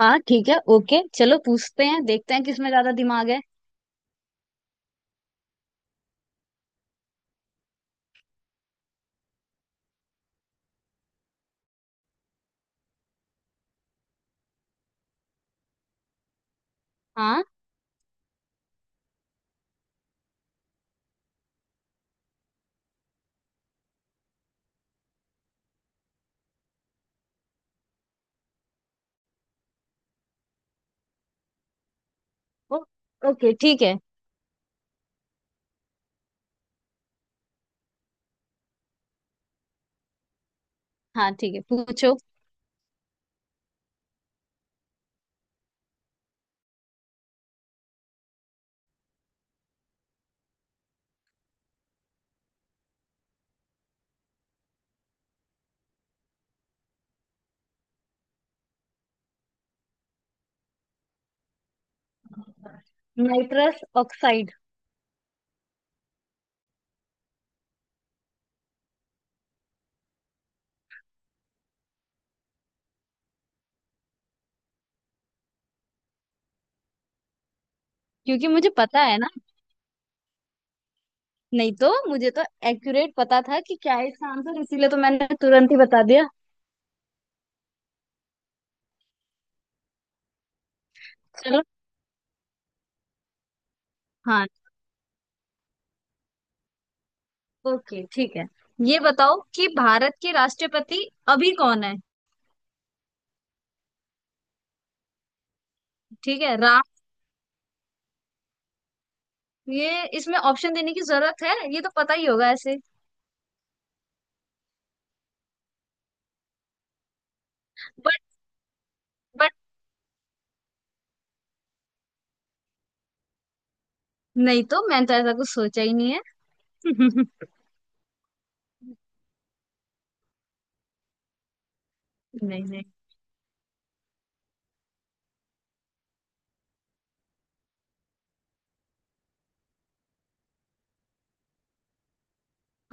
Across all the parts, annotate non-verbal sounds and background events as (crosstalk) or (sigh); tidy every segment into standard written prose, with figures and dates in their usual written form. हाँ ठीक है। ओके चलो पूछते हैं देखते हैं किसमें ज्यादा दिमाग है। हाँ। ओ, ओके ठीक है। हाँ ठीक है पूछो। Nitrous oxide. क्योंकि मुझे पता है ना। नहीं तो मुझे तो एक्यूरेट पता था कि क्या है इसका आंसर, इसीलिए तो मैंने तुरंत ही बता दिया। चलो। हाँ ओके ठीक है। ये बताओ कि भारत के राष्ट्रपति अभी कौन है। ठीक है राम। ये इसमें ऑप्शन देने की जरूरत है, ये तो पता ही होगा ऐसे। बट बट नहीं तो मैंने तो ऐसा कुछ सोचा ही नहीं है। (laughs) नहीं नहीं।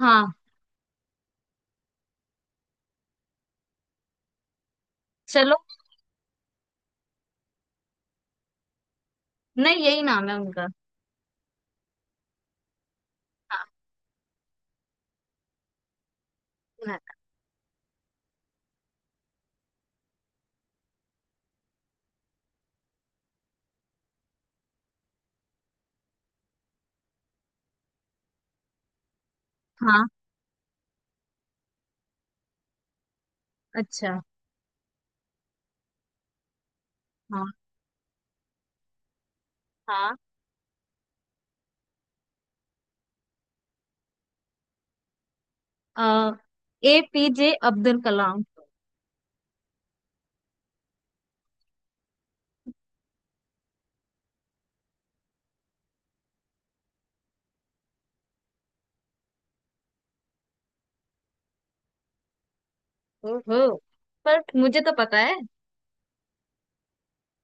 हाँ। चलो। नहीं यही नाम है उनका। हाँ सुना था। हाँ। अच्छा। हाँ हाँ। आ, APJ अब्दुल कलाम। ओहो। पर मुझे तो पता है।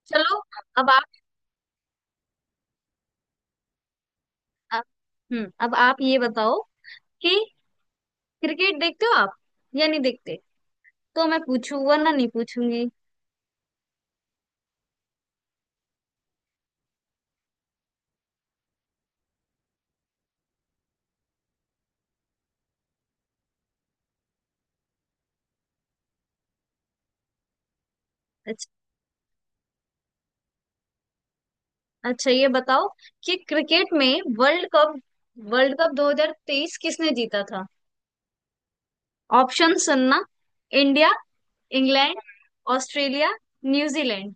चलो। अब आप। अब- अब आप ये बताओ कि क्रिकेट देखते हो आप या नहीं देखते। तो मैं पूछूं वरना नहीं पूछूंगी। अच्छा। अच्छा ये बताओ कि क्रिकेट में वर्ल्ड कप 2023 किसने जीता था। ऑप्शन सुनना। India, England, Australia, New Zealand.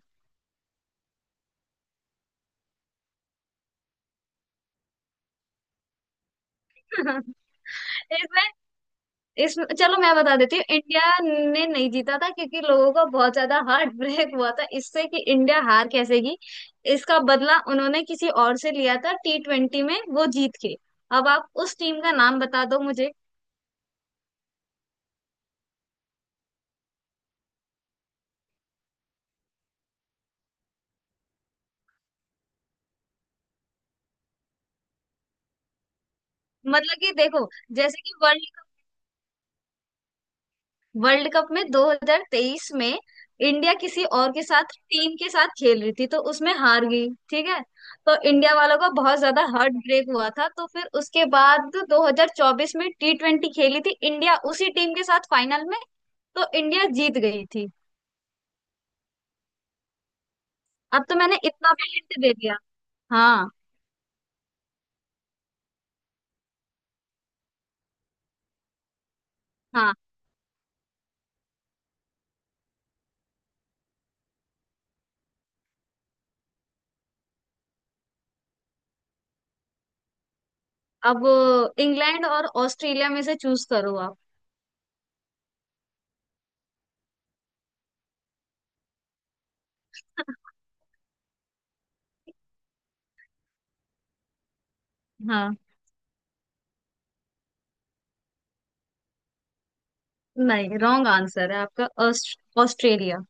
इसमें इसमें चलो मैं बता देती हूँ। इंडिया ने नहीं जीता था क्योंकि लोगों का बहुत ज्यादा हार्ट (laughs) ब्रेक हुआ था इससे कि इंडिया हार कैसे गई। इसका बदला उन्होंने किसी और से लिया था, T20 में वो जीत के। अब आप उस टीम का नाम बता दो मुझे। मतलब कि देखो, जैसे कि वर्ल्ड वर्ल्ड कप में 2023 में इंडिया किसी और के साथ टीम के साथ खेल रही थी तो उसमें हार गई ठीक है। तो इंडिया वालों का बहुत ज्यादा हार्ट ब्रेक हुआ था, तो फिर उसके बाद 2024 में T20 खेली थी इंडिया उसी टीम के साथ फाइनल में। तो इंडिया जीत गई थी। अब तो मैंने इतना भी हिंट दे दिया। हाँ। हाँ। अब इंग्लैंड और ऑस्ट्रेलिया में से चूज करो आप। (laughs) हाँ। नहीं रॉन्ग आंसर है आपका। ऑस्ट्रेलिया।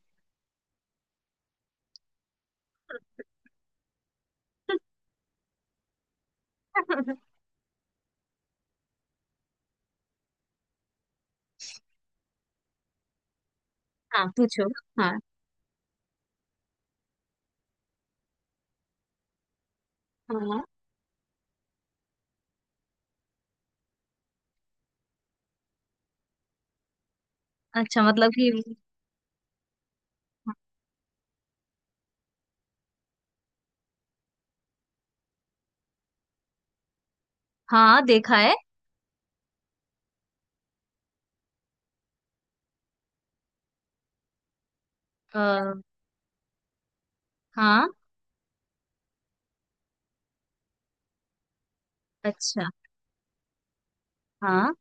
(laughs) हाँ पूछो। हाँ। हाँ। अच्छा मतलब कि। हाँ देखा है। आ, हाँ। अच्छा। हाँ।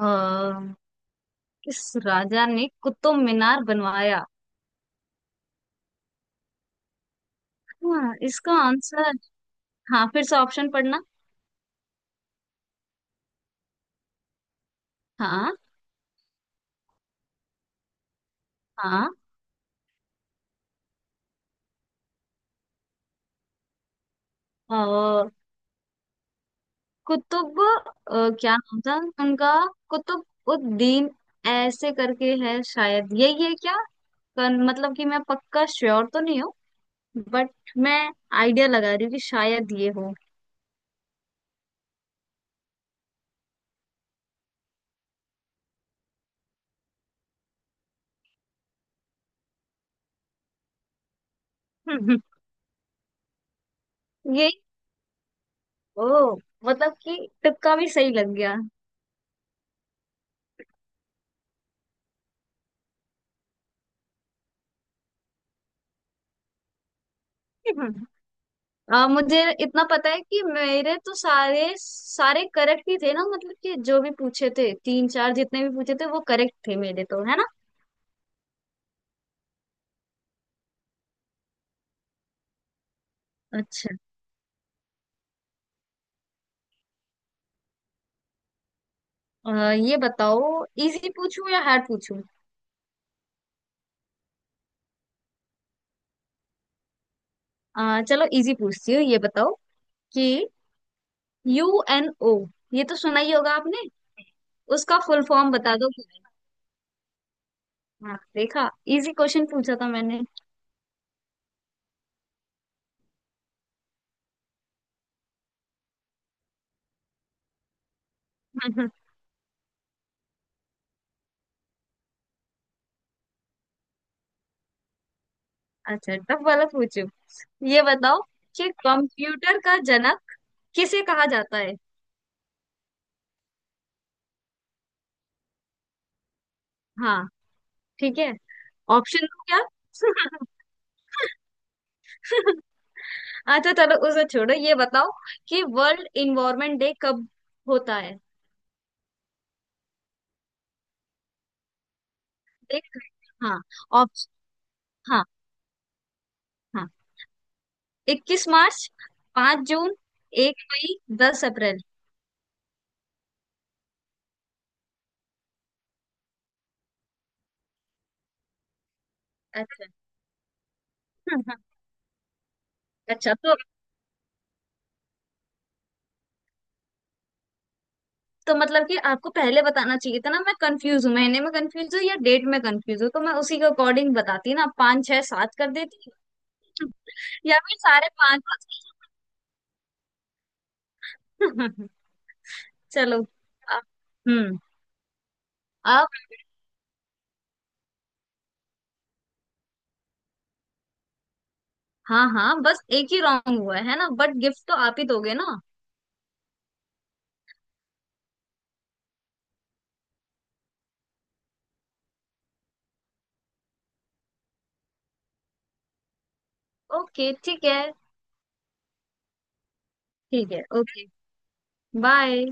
अ, किस राजा ने कुतुब मीनार बनवाया। हाँ, इसका आंसर। हाँ फिर से ऑप्शन पढ़ना। हाँ। हाँ। अ, कुतुब। क्या नाम था उनका। कुतुब उद्दीन ऐसे करके है, शायद यही है क्या। मतलब कि मैं पक्का श्योर तो नहीं हूँ। बट मैं आइडिया लगा रही हूँ कि शायद ये हो। (laughs) यही। ओ मतलब कि तुक्का भी सही लग गया। (laughs) मुझे इतना पता है कि मेरे तो सारे सारे करेक्ट ही थे ना। मतलब कि जो भी पूछे थे, तीन चार जितने भी पूछे थे, वो करेक्ट थे मेरे तो है ना। अच्छा। ये बताओ इजी पूछूं या हार्ड पूछूं। चलो इजी पूछती हूँ। ये बताओ कि UNO, ये तो सुना ही होगा आपने। उसका फुल फॉर्म बता दो। हाँ देखा। इजी क्वेश्चन पूछा था मैंने। (laughs) अच्छा टफ वाला पूछू। ये बताओ कि कंप्यूटर का जनक किसे कहा जाता है। हाँ ठीक है। ऑप्शन दो क्या। (laughs) अच्छा चलो उसे छोड़ो। ये बताओ कि वर्ल्ड इन्वायरमेंट डे कब होता है। देख। हाँ ऑप्शन। हाँ। हाँ। 21 मार्च, 5 जून, 1 मई, 10 अप्रैल। अच्छा। (laughs) अच्छा तो। तो मतलब कि आपको पहले बताना चाहिए था ना, मैं कंफ्यूज हूँ महीने में कंफ्यूज हूँ या डेट में कंफ्यूज हूँ, तो मैं उसी के अकॉर्डिंग बताती ना, पाँच छह सात कर देती। (laughs) या फिर सारे पांच। (laughs) पांच। चलो। अ- हम्म अब। हाँ हाँ बस एक ही रॉन्ग हुआ है ना, बट गिफ्ट तो आप ही दोगे ना। ओके ठीक है। ठीक है ओके। बाय।